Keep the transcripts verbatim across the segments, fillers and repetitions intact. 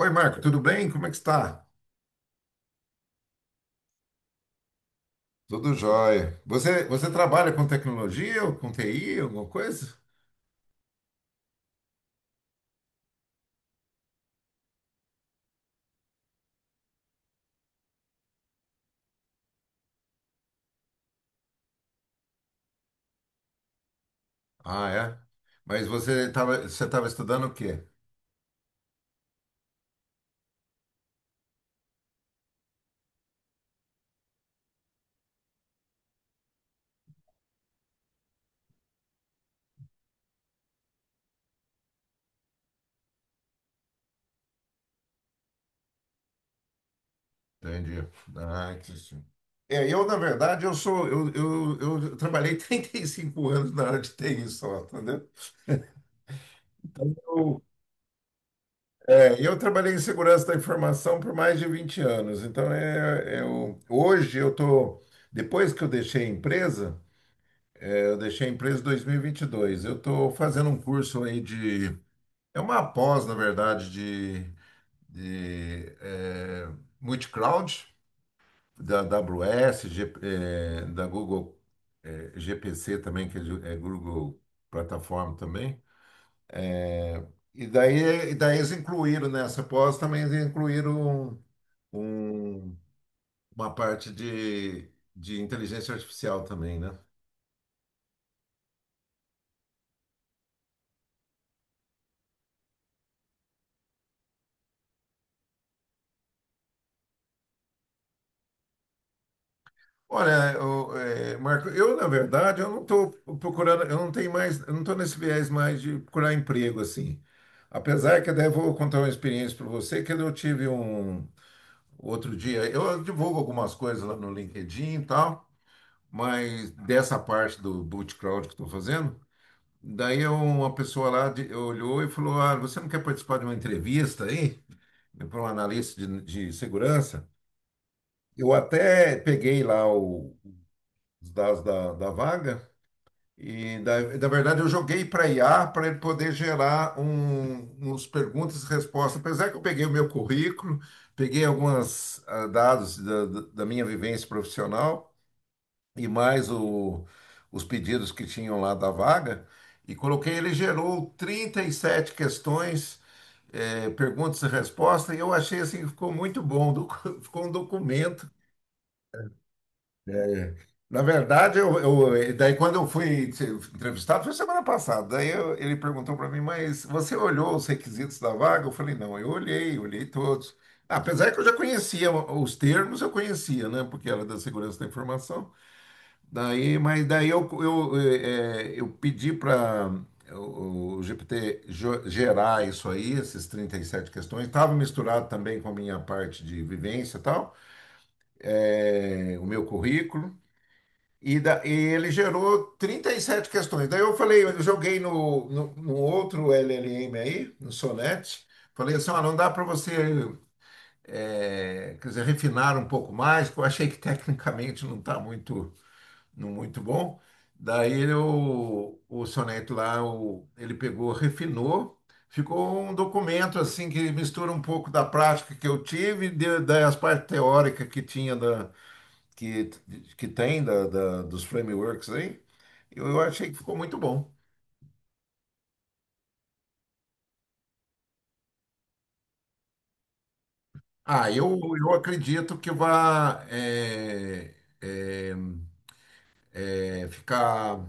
Oi, Marco, tudo bem? Como é que está? Tudo jóia. Você, você trabalha com tecnologia ou com T I, alguma coisa? Ah, é? Mas você estava você estava estudando o quê? Entendi. Ah, que sim. É, eu, na verdade, eu sou, eu, eu, eu trabalhei trinta e cinco anos na área de T I só, entendeu? Eu, é, eu trabalhei em segurança da informação por mais de vinte anos. Então, é, eu, hoje eu tô, depois que eu deixei a empresa, eu deixei a empresa em dois mil e vinte e dois. Eu estou fazendo um curso aí de. É uma pós, na verdade, de, de eh, multicloud, da A W S, G- eh, da Google, eh, G P C também, que é de- é Google Plataforma também. É, E daí, e daí eles incluíram nessa pós também, eles incluíram um- um- uma parte de, de inteligência artificial também, né? Olha, eu, eh, Marco, eu na verdade eu não estou procurando, eu não tenho mais, eu não estou nesse viés mais de procurar emprego assim. Apesar que daí eu vou contar uma experiência para você, que eu tive um outro dia, eu divulgo algumas coisas lá no LinkedIn e tal, mas dessa parte do boot crowd que estou fazendo, daí eu- uma pessoa lá de- olhou e falou: Ah, você não quer participar de uma entrevista aí? Para um analista de de segurança? Eu até peguei lá o os dados da, da vaga e da, na verdade eu joguei para I A para ele poder gerar um, uns perguntas e respostas. Apesar que eu peguei o meu currículo, peguei alguns dados da, da da minha vivência profissional e mais o- os pedidos que tinham lá da vaga, e coloquei, ele gerou trinta e sete questões, eh, perguntas e respostas, e eu achei assim, que ficou muito bom, docu- ficou um documento. Na verdade, eu, eu- eh, daí quando eu fui ser entrevistado, foi semana passada, daí eu- ele perguntou para mim, mas você olhou os requisitos da vaga? Eu falei, não, eu olhei, olhei todos. Apesar que eu já conhecia os termos, eu conhecia, né? Porque era da segurança da informação. Daí, mas daí eu, eu, eh, eh, eu pedi para o o G P T jo- gerar isso aí, esses trinta e sete questões. Estava misturado também com a minha parte de vivência e tal, eh, o meu currículo. E, da, e ele gerou trinta e sete questões. Daí eu falei, eu joguei no, no, no outro L L M aí, no Sonnet, falei assim, ah não dá para você, eh, quer dizer, refinar um pouco mais, que eu achei que tecnicamente não está muito, não muito bom. Daí eu, o Sonnet lá, o- ele pegou, refinou, ficou um documento assim que mistura um pouco da prática que eu tive, de- das partes teóricas que tinha que, que tem da, da- dos frameworks aí, eu, eu achei que ficou muito bom. Ah, eu, eu acredito que vai ficar.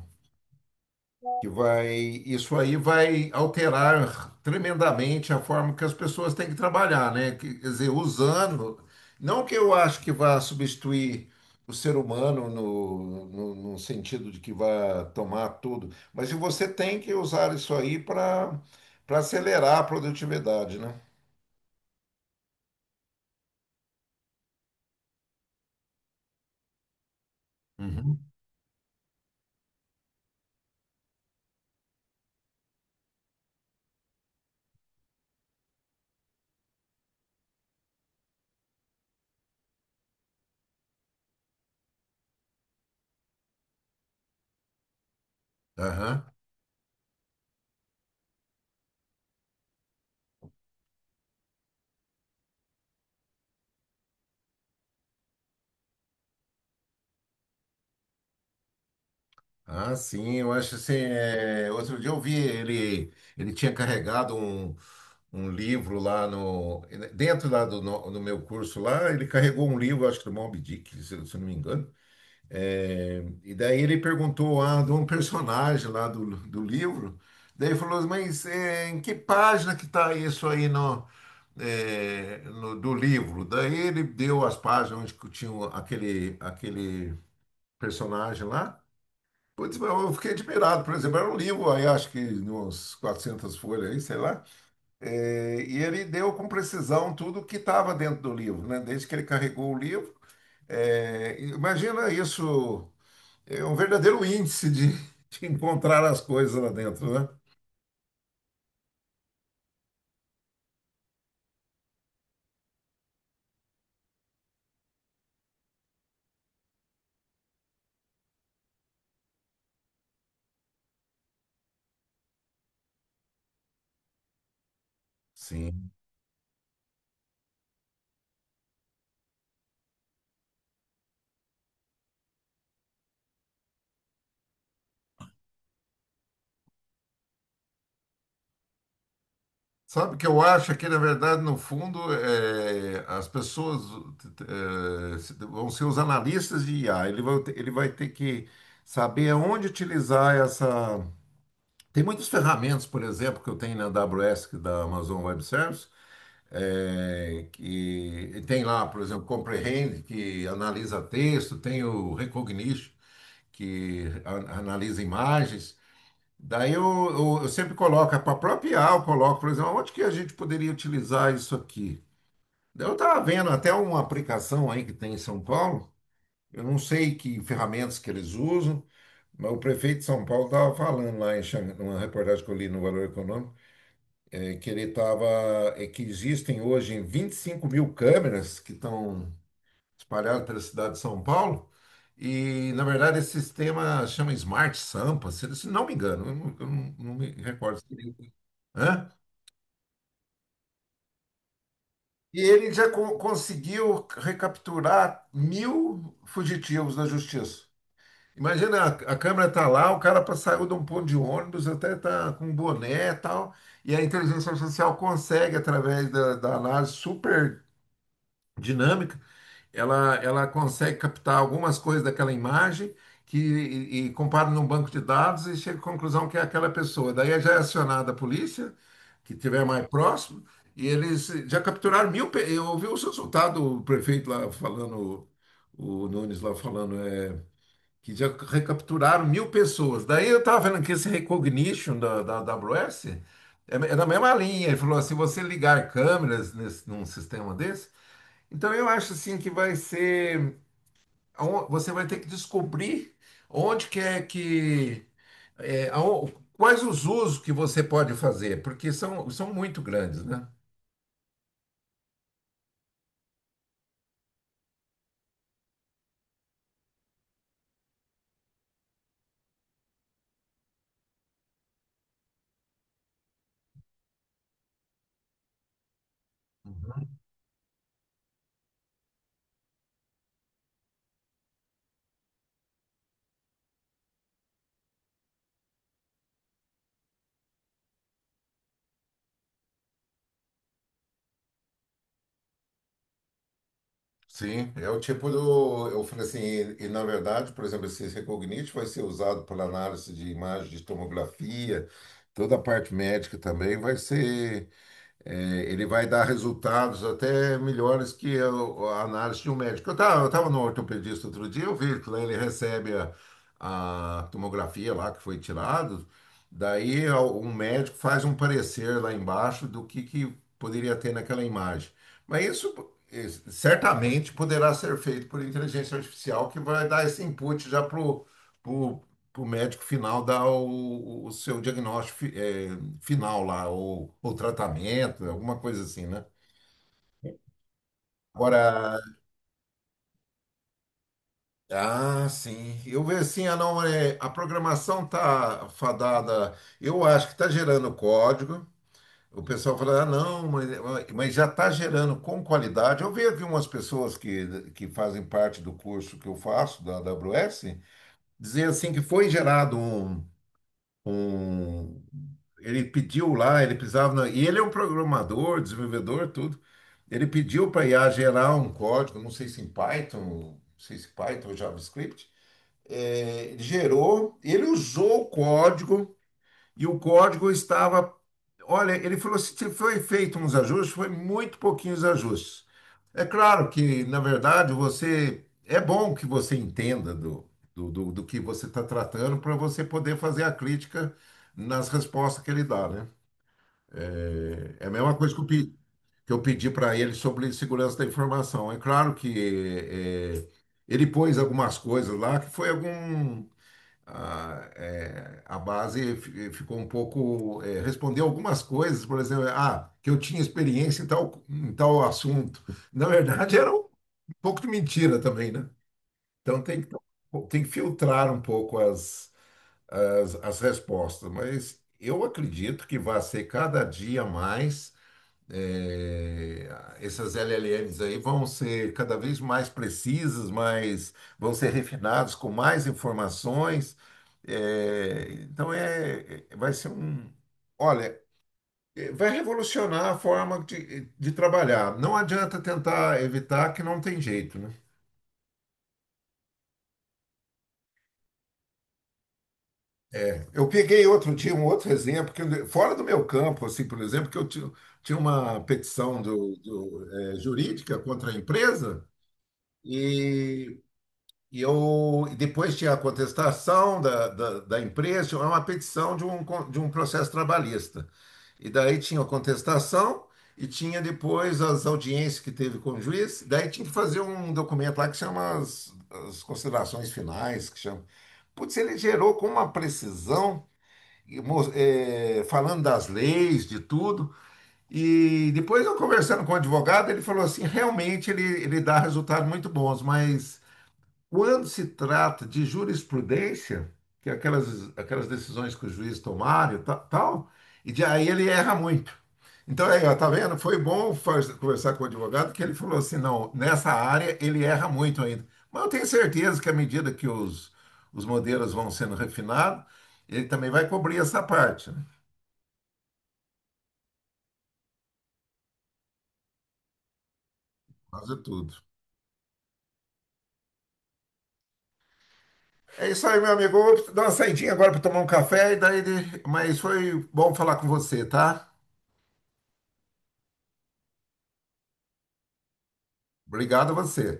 que vai, isso aí vai alterar tremendamente a forma que as pessoas têm que trabalhar, né? Que- Quer dizer, usando, não que eu acho que vá substituir o ser humano no, no, no sentido de que vá tomar tudo, mas você tem que usar isso aí para para acelerar a produtividade, né? Uhum. Aham. Ah, sim, eu acho assim. é, Outro dia eu vi ele, ele tinha carregado um, um livro lá no. Dentro lá do no, no meu curso lá, ele carregou um livro, acho que do Moby Dick, se, se eu não me engano. É, e daí ele perguntou ah, de um personagem lá do, do livro. Daí ele falou, mas é, em que página que está isso aí no, é, no- do livro? Daí ele deu as páginas onde que tinha o- aquele, aquele personagem lá. Putz, mas eu fiquei admirado, por exemplo, era um livro aí, acho que de uns quatrocentas folhas aí, sei lá, é, e ele deu com precisão tudo que estava dentro do livro, né? Desde que ele carregou o livro. É, imagina isso, é um verdadeiro índice de, de encontrar as coisas lá dentro, né? Sim. Sabe o que eu acho é que, na verdade, no fundo, é, as pessoas é, se- vão ser os analistas de I A. Ele vai, ter- ele vai ter que saber aonde utilizar essa. Tem muitas ferramentas, por exemplo, que eu tenho na A W S, que é da Amazon Web Services, eh, que e tem lá, por exemplo, Comprehend, que analisa texto, tem o Recognition, que a- analisa imagens. Daí eu, eu- eu sempre coloco, para a eu coloco, por exemplo, onde que a gente poderia utilizar isso aqui? Daí eu estava vendo até uma aplicação aí que tem em São Paulo, eu não sei que ferramentas que eles usam, mas o prefeito de São Paulo estava falando lá em Xangai, numa reportagem que eu li no Valor Econômico, é que ele estava, é que existem hoje vinte e cinco mil câmeras que estão espalhadas pela cidade de São Paulo. E, na verdade, esse sistema chama Smart Sampa, se se não me engano, eu não, eu não- não me recordo. Hã? E ele já co- conseguiu recapturar mil fugitivos da justiça. Imagina, a, a câmera tá lá, o cara pa- saiu de um ponto de ônibus, até tá com um boné e tal, e a inteligência artificial consegue, através da, da análise super dinâmica, ela, ela consegue captar algumas coisas daquela imagem que, e, e compara num banco de dados e chega à conclusão que é aquela pessoa. Daí já é acionada a polícia, que estiver mais próximo, e eles já capturaram mil. pe- Eu ouvi o resultado o prefeito lá falando, o Nunes lá falando, é, que já recapturaram mil pessoas. Daí eu estava vendo que esse recognition da, da A W S é é da mesma linha. Ele falou assim: você ligar câmeras nesse, num sistema desse. Então eu acho assim que vai ser, aon- você vai ter que descobrir onde que é que, é, aon- quais os usos que você pode fazer, porque são, são muito grandes, né? Uhum. Sim, é o tipo do. Eu falei assim, e, e, na verdade, por exemplo, esse Recognite vai ser usado para análise de imagem de tomografia, toda a parte médica também vai ser. É, ele vai dar resultados até melhores que a, a análise de um médico. Eu estava eu tava no ortopedista outro dia, eu vi que lá ele recebe a, a tomografia lá que foi tirada, daí ao- um médico faz um parecer lá embaixo do que, que poderia ter naquela imagem. Mas isso eh, certamente poderá ser feito por inteligência artificial que vai dar esse input já para o para o médico final dar o, o seu diagnóstico fi- eh, final lá, ou, ou tratamento, alguma coisa assim, né? Agora, ah, sim. Eu vejo assim, ah, não, é, a programação tá fadada. Eu acho que tá gerando código. O pessoal fala, ah, não, mas, mas já tá gerando com qualidade. Eu vejo aqui umas pessoas que, que fazem parte do curso que eu faço, da A W S, dizer assim que foi gerado um, um- ele pediu lá, ele precisava, na- e ele é um programador, desenvolvedor, tudo. Ele pediu para I A gerar um código, não sei se em Python, não sei se Python ou JavaScript. É, ele gerou, ele usou o código e o código estava. Olha, ele falou assim: se foi feito uns ajustes, foi muito pouquinhos ajustes. É claro que, na verdade, você. É bom que você entenda do, do, do, do que você está tratando para você poder fazer a crítica nas respostas que ele dá, né? É é a mesma coisa que eu pe- que eu pedi para ele sobre segurança da informação. É claro que é, é, ele pôs algumas coisas lá que foi algum, a, é, a base fi- ficou um pouco, é, respondeu algumas coisas, por exemplo, ah, que eu tinha experiência em tal, em tal assunto. Na verdade, era um pouco de mentira também, né? Então tem que, tem que filtrar um pouco as, as, as respostas, mas eu acredito que vai ser cada dia mais. É, essas L L Ms aí vão ser cada vez mais precisas, mais, vão ser refinados com mais informações. É, então é, é- vai ser um, olha, é, vai revolucionar a forma de, de trabalhar. Não adianta tentar evitar que não tem jeito, né? Eu peguei outro dia um outro exemplo que fora do meu campo, assim, por exemplo, que eu tinha, tinha uma petição do, do, eh, jurídica contra a empresa. e E eu, e depois tinha a contestação da, da, da empresa, tinha uma petição de um, con- de um processo trabalhista. E daí tinha a contestação e tinha depois as audiências que teve com o juiz. Daí tinha que fazer um documento lá que chama as, as considerações finais, que chama. Putz, ele gerou com uma precisão, e mo- eh, falando das leis, de tudo. E depois eu conversando com o advogado, ele falou assim, realmente ele, ele dá resultados muito bons, mas... Quando se trata de jurisprudência, que é aquelas, aquelas decisões que os juízes tomar e ta- tal, e de, aí ele erra muito. Então, aí, ó, tá vendo? Foi bom faz- conversar com o advogado que ele falou assim, não, nessa área ele erra muito ainda. Mas eu tenho certeza que à medida que os, os modelos vão sendo refinados, ele também vai cobrir essa parte, né? Fazer tudo. É isso aí, meu amigo. Eu vou dar uma saidinha agora para tomar um café, e daí... mas foi bom falar com você, tá? Obrigado a você.